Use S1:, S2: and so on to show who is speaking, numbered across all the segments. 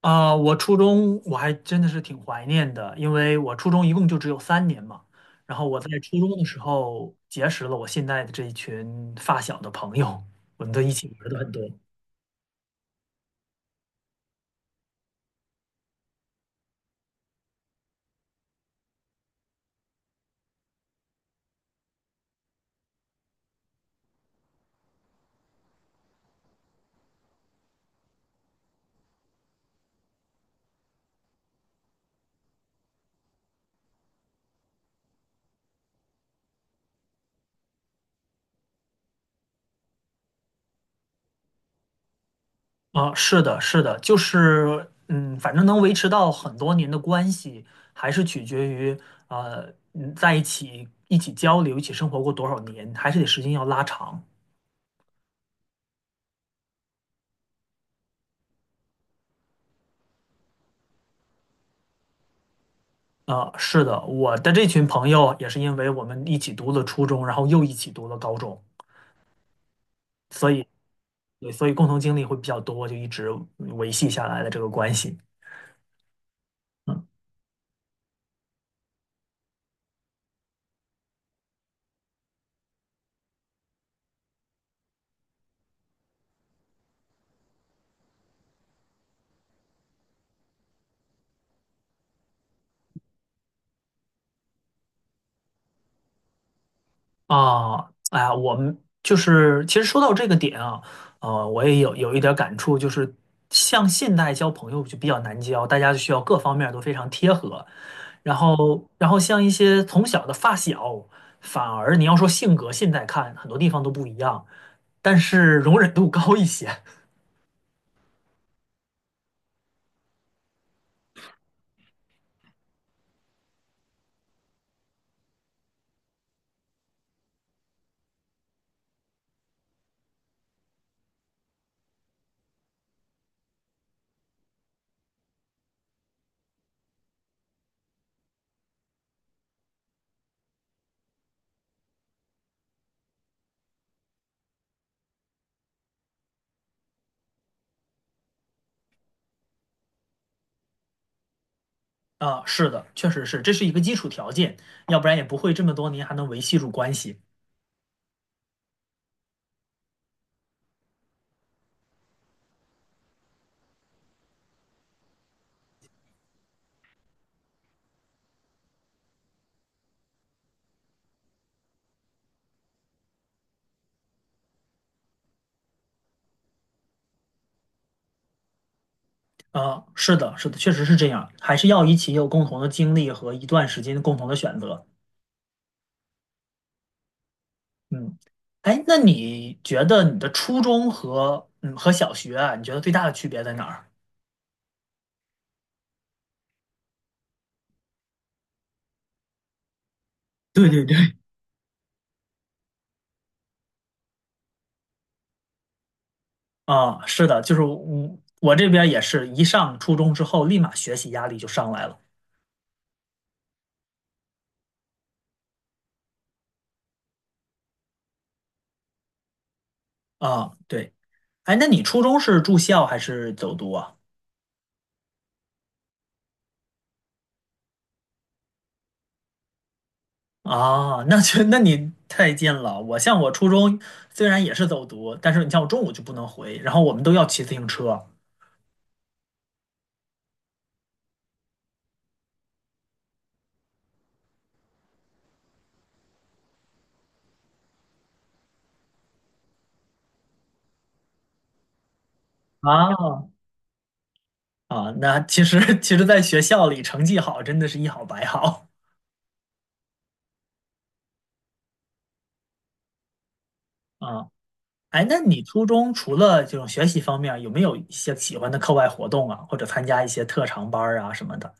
S1: 啊，我初中我还真的是挺怀念的，因为我初中一共就只有三年嘛。然后我在初中的时候结识了我现在的这一群发小的朋友，我们都一起玩的很多。啊，是的，是的，就是反正能维持到很多年的关系，还是取决于在一起交流、一起生活过多少年，还是得时间要拉长。啊，是的，我的这群朋友也是因为我们一起读了初中，然后又一起读了高中。所以。对，所以共同经历会比较多，就一直维系下来的这个关系啊。哎呀，我们就是其实说到这个点啊，我也有一点感触，就是像现代交朋友就比较难交，大家需要各方面都非常贴合，然后像一些从小的发小，反而你要说性格，现在看很多地方都不一样，但是容忍度高一些。啊，是的，确实是，这是一个基础条件，要不然也不会这么多年还能维系住关系。啊，是的，是的，确实是这样，还是要一起有共同的经历和一段时间共同的选择。嗯，哎，那你觉得你的初中和小学啊，你觉得最大的区别在哪儿？对对对，啊，是的，就是我这边也是一上初中之后，立马学习压力就上来了啊。对，哎，那你初中是住校还是走读啊？啊，那你太近了。我像我初中虽然也是走读，但是你像我中午就不能回，然后我们都要骑自行车。啊啊，那其实，在学校里成绩好真的是一好百好啊。哎，那你初中除了这种学习方面儿有没有一些喜欢的课外活动啊，或者参加一些特长班儿啊什么的？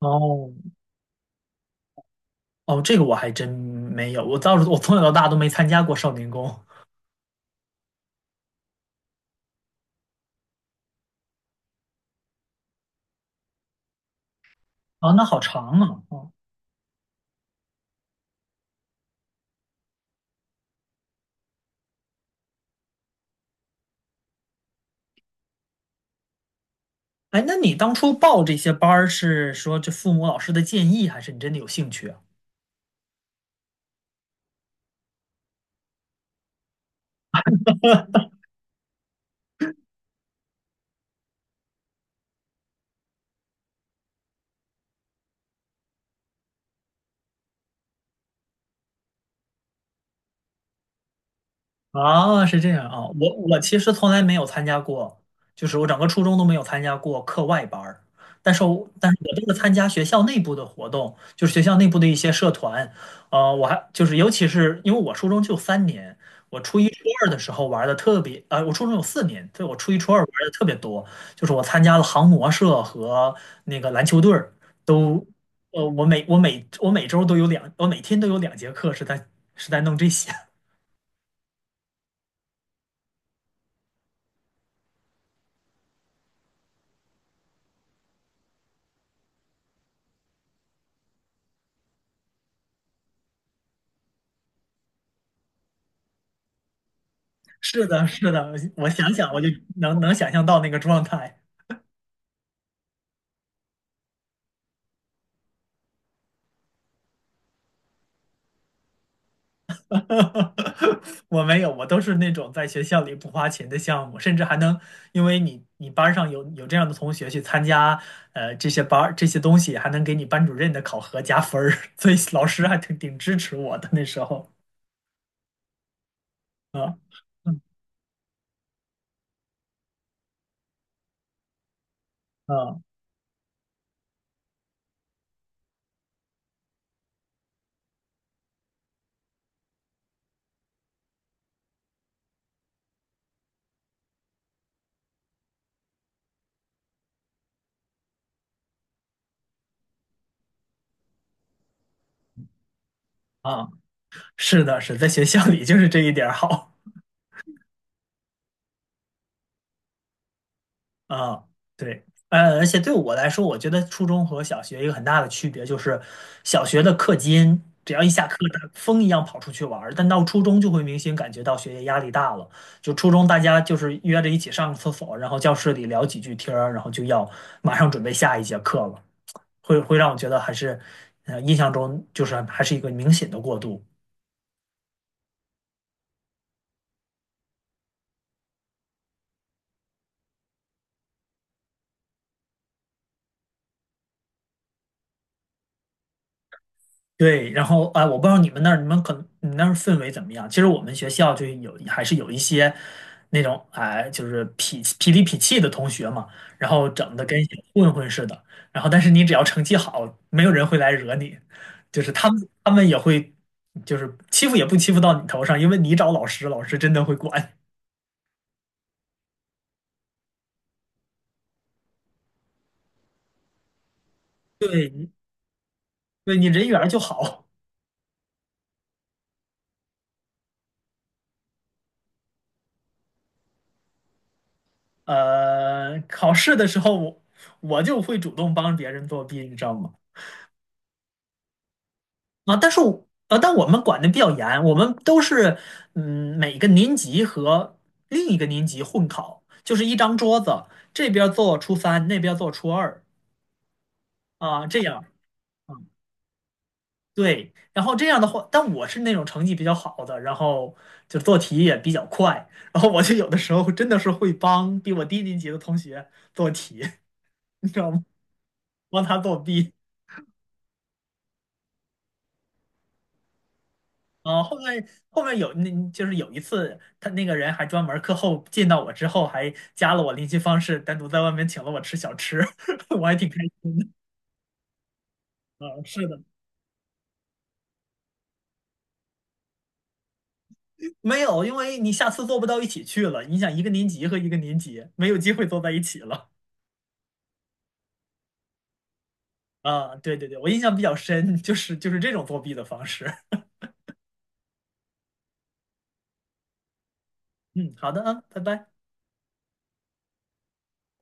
S1: 哦哦，这个我还真没有，我倒是从小到大都没参加过少年宫。啊。那好长啊。哦，哎，那你当初报这些班儿是说这父母老师的建议，还是你真的有兴趣啊？啊，是这样啊，我其实从来没有参加过，就是我整个初中都没有参加过课外班儿，但是我都是参加学校内部的活动，就是学校内部的一些社团，我还就是尤其是因为我初中就三年，我初一初二的时候玩的特别，我初中有4年，对，我初一初二玩的特别多，就是我参加了航模社和那个篮球队儿，都，我每周都有两，我每天都有2节课是在弄这些。是的，是的，我想想我就能想象到那个状态。我没有，我都是那种在学校里不花钱的项目，甚至还能因为你班儿上有这样的同学去参加，这些班儿这些东西，还能给你班主任的考核加分儿，所以老师还挺支持我的那时候。啊，嗯啊啊，是的，是在学校里就是这一点儿好。啊，对，而且对我来说，我觉得初中和小学一个很大的区别就是，小学的课间只要一下课，大风一样跑出去玩儿但到初中就会明显感觉到学业压力大了。就初中大家就是约着一起上个厕所，然后教室里聊几句天儿然后就要马上准备下一节课了，会让我觉得还是，印象中就是还是一个明显的过渡。对，然后啊，我不知道你们那儿，你们那儿氛围怎么样？其实我们学校还是有一些那种哎，就是痞痞里痞气的同学嘛，然后整的跟小混混似的。然后，但是你只要成绩好，没有人会来惹你，就是他们也会就是欺负也不欺负到你头上，因为你找老师，老师真的会管。对，对你人缘儿就好。考试的时候我就会主动帮别人作弊，你知道吗？啊，但我们管的比较严，我们都是每个年级和另一个年级混考，就是一张桌子，这边做初三，那边做初二啊，这样对。然后这样的话，但我是那种成绩比较好的，然后就做题也比较快，然后我就有的时候真的是会帮比我低年级的同学做题，你知道吗？帮他作弊。啊，后面就是有一次，他那个人还专门课后见到我之后，还加了我联系方式，单独在外面请了我吃小吃，我还挺开心的。是的，没有，因为你下次做不到一起去了。你想一个年级和一个年级没有机会坐在一起了啊！对对对，我印象比较深，就是这种作弊的方式。嗯，好的啊，拜拜。